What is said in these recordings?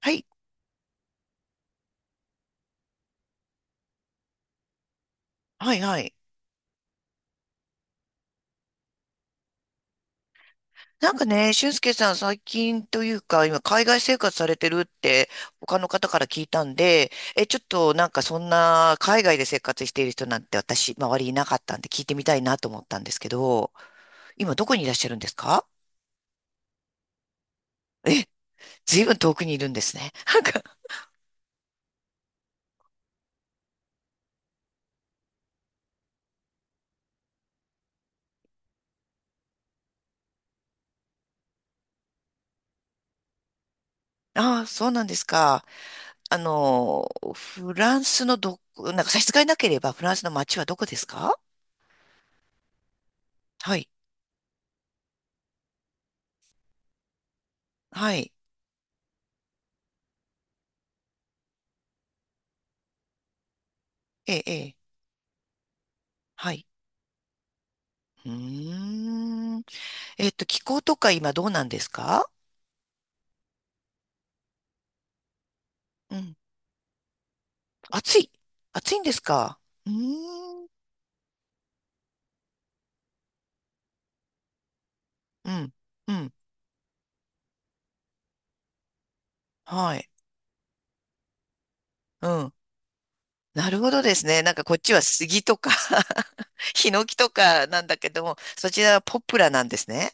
はい、はい、はい。なんかね、俊介さん最近というか、今海外生活されてるって他の方から聞いたんで、え、ちょっとなんかそんな海外で生活している人なんて私、周りいなかったんで聞いてみたいなと思ったんですけど、今どこにいらっしゃるんですか？え、ずいぶん遠くにいるんですね。なんか、ああ、そうなんですか。あの、フランスのど、なんか差し支えなければフランスの街はどこですか？はい、はい、ええ、ええ、はい。うーん。気候とか今どうなんですか？うん。暑い。暑いんですか？うーん。うん。うん。はい。うん。なるほどですね。なんかこっちは杉とか ヒノキとかなんだけども、そちらはポプラなんですね。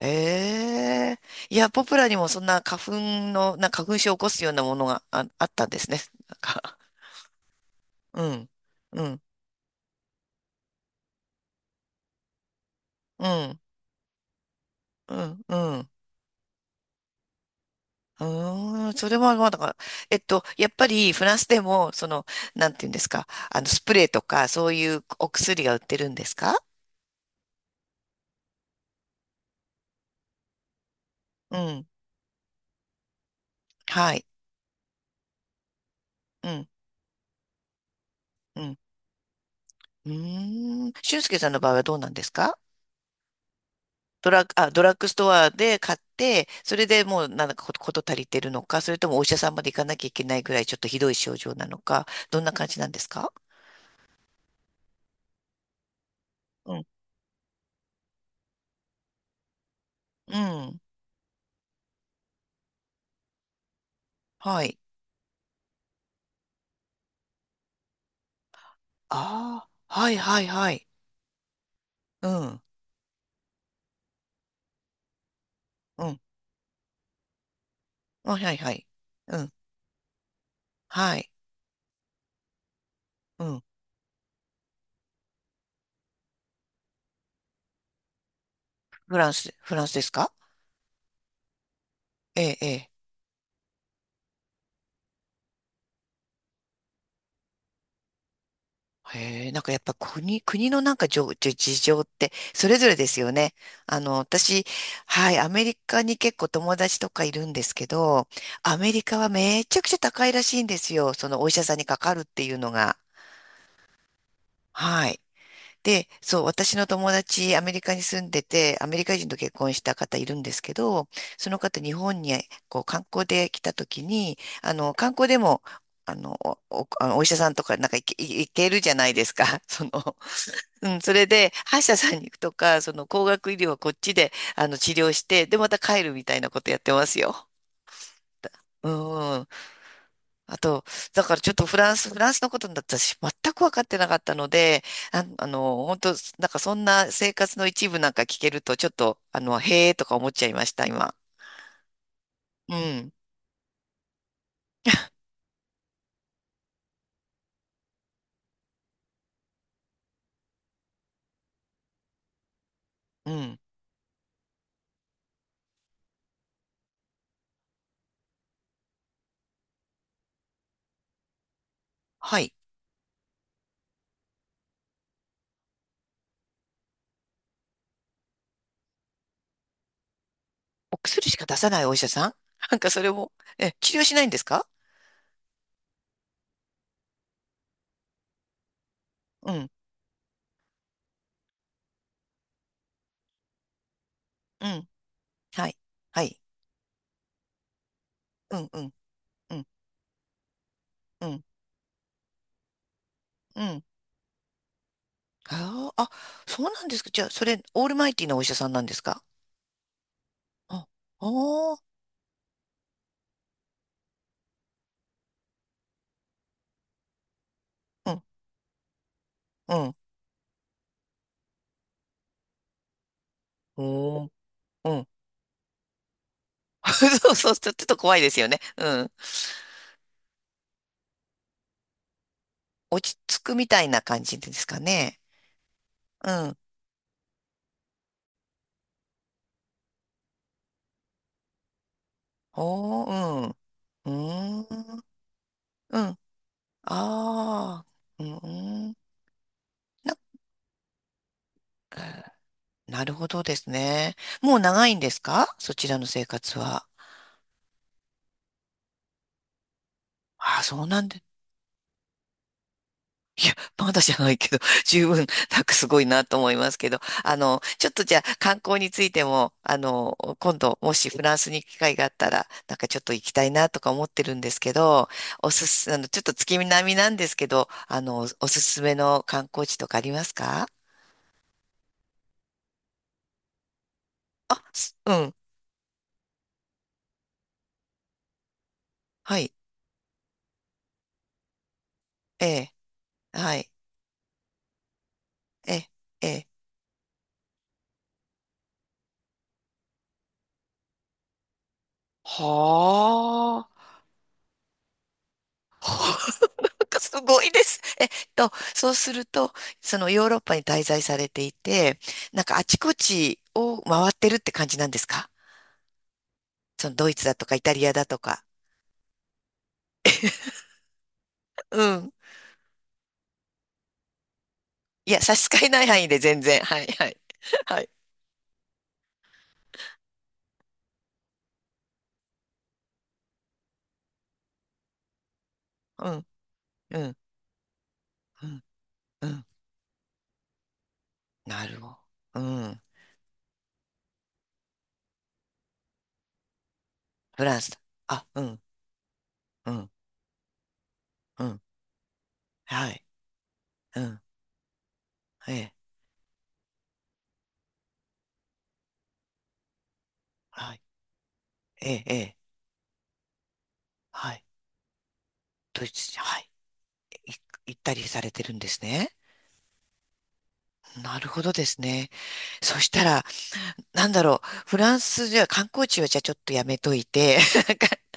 ええ、いや、ポプラにもそんな花粉症を起こすようなものがあったんですね。なんか、うん、うん、うん、うん、うん。うーん、それはまあだから、やっぱりフランスでも、その、なんていうんですか、あの、スプレーとか、そういうお薬が売ってるんですか？うん。はい。うん。うん。うーん。俊介さんの場合はどうなんですか？ドラッグストアで買って、それでもうなんだかことこと足りてるのか、それともお医者さんまで行かなきゃいけないぐらいちょっとひどい症状なのか、どんな感じなんですか？うん。うん。はい。ああ、はいはいはい。うん。うん。あはいはい。うん。はい。うん。フランスですか？ええ、ええ。へえ、なんかやっぱ国のなんかじょじ事情ってそれぞれですよね。あの、私、はい、アメリカに結構友達とかいるんですけど、アメリカはめちゃくちゃ高いらしいんですよ。そのお医者さんにかかるっていうのが。はい。で、そう、私の友達、アメリカに住んでて、アメリカ人と結婚した方いるんですけど、その方、日本にこう観光で来た時に、あの、観光でも、あの、あのお医者さんとか、なんか行けるじゃないですか。その、うん、それで、歯医者さんに行くとか、その、高額医療はこっちで、あの、治療して、で、また帰るみたいなことやってますよ。うん。あと、だからちょっとフランスのことだったし、全く分かってなかったので、あ、あの、本当なんかそんな生活の一部なんか聞けると、ちょっと、あの、へえとか思っちゃいました、今。うん、うん。はい。お薬しか出さないお医者さん なんかそれも、え、治療しないんですか？うん、うん、はい、はい、うん、うん、うん、うん、うん。あーあ、そうなんですか。じゃあ、それ、オールマイティーなお医者さんなんですか？あ、あー、うん、うん、おーうん そうそう、ちょっと怖いですよね。うん。落ち着くみたいな感じですかね。うん。おー、うん。うーん。うん。ああ。うん。な、なるほどですね。もう長いんですか、そちらの生活は。ああ、そうなんでまだじゃないけど、十分、なんかすごいなと思いますけど、あの、ちょっとじゃあ観光についても、あの、今度、もしフランスに行く機会があったら、なんかちょっと行きたいなとか思ってるんですけど、おすす、あの、ちょっと月並みなんですけど、あの、おすすめの観光地とかありますか？あ、すうん、はい、ええ、はい、ええ、ええ、はあ。かすごいです。そうすると、そのヨーロッパに滞在されていて、なんかあちこちを回ってるって感じなんですか？そのドイツだとかイタリアだとか。うん。いや、差し支えない範囲で全然。はい、はい。はい。うん、うん、うん、うん。なるほど。うん。フランスだ。あ、うん、うん、うん。はい。うん。ええ、はい。ええ、ええ、はい。ドイツに、はい。い行ったりされてるんですね。なるほどですね。そしたら、なんだろう、フランスじゃ観光地はじゃあちょっとやめといて、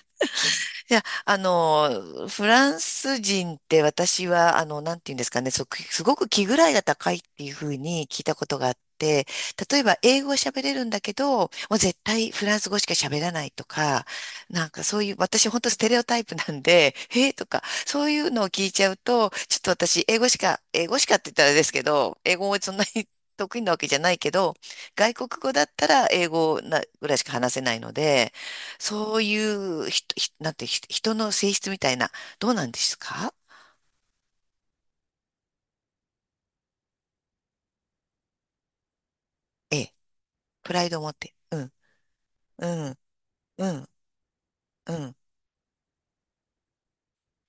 いや、あの、フランス人って私は、あの、なんていうんですかね、すごく気ぐらいが高いっていうふうに聞いたことがあって、例えば英語は喋れるんだけど、もう絶対フランス語しか喋らないとか、なんかそういう、私本当ステレオタイプなんで、へえとか、そういうのを聞いちゃうと、ちょっと私英語しか、英語しかって言ったらあれですけど、英語もそんなに得意なわけじゃないけど、外国語だったら英語なぐらいしか話せないので、そういうひ、ひ、なんて、ひ、人の性質みたいな、どうなんですか？ええ、プライドを持って。うん、うん、うん、うん、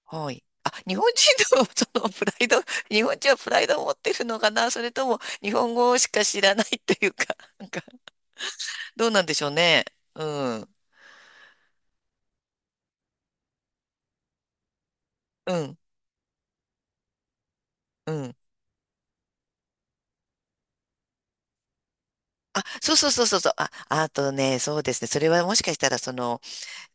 はい。あ、日本人の そのプライド、日本人はプライドを持ってるのかな、それとも日本語しか知らないっていうか、なんか、どうなんでしょうね。うん、うん、うん。あ、そうそうそうそうそう。あ、あとね、そうですね。それはもしかしたら、その、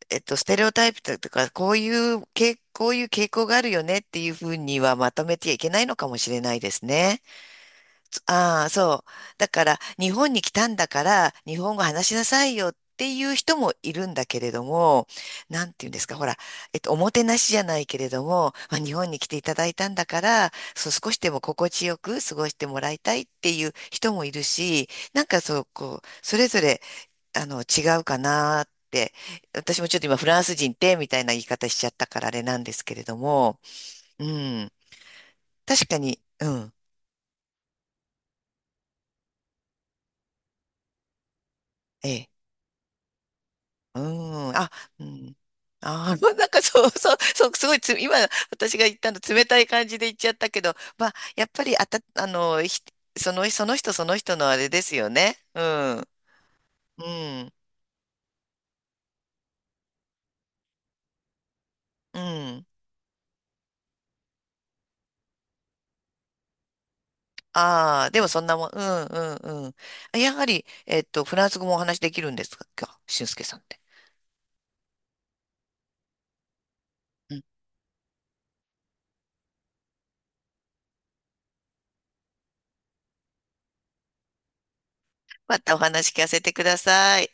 ステレオタイプとか、こういう傾向があるよねっていうふうにはまとめてはいけないのかもしれないですね。ああ、そう。だから、日本に来たんだから、日本語話しなさいよっていう人もいるんだけれども、なんていうんですか、ほら、おもてなしじゃないけれども、まあ、日本に来ていただいたんだから、そう、少しでも心地よく過ごしてもらいたいっていう人もいるし、なんかそう、こう、それぞれあの、違うかなって、私もちょっと今フランス人ってみたいな言い方しちゃったからあれなんですけれども、うん、確かに、うん、ええ、うん、あ、うん、ああ なんかそうそう、そう、すごいつ、今私が言ったの冷たい感じで言っちゃったけど、まあ、やっぱりあの、その人その人のあれですよね。うん、うん、うん。ああ、でもそんなもん、うん、うん、うん。やはり、フランス語もお話できるんですか、俊介さんって？またお話聞かせてください。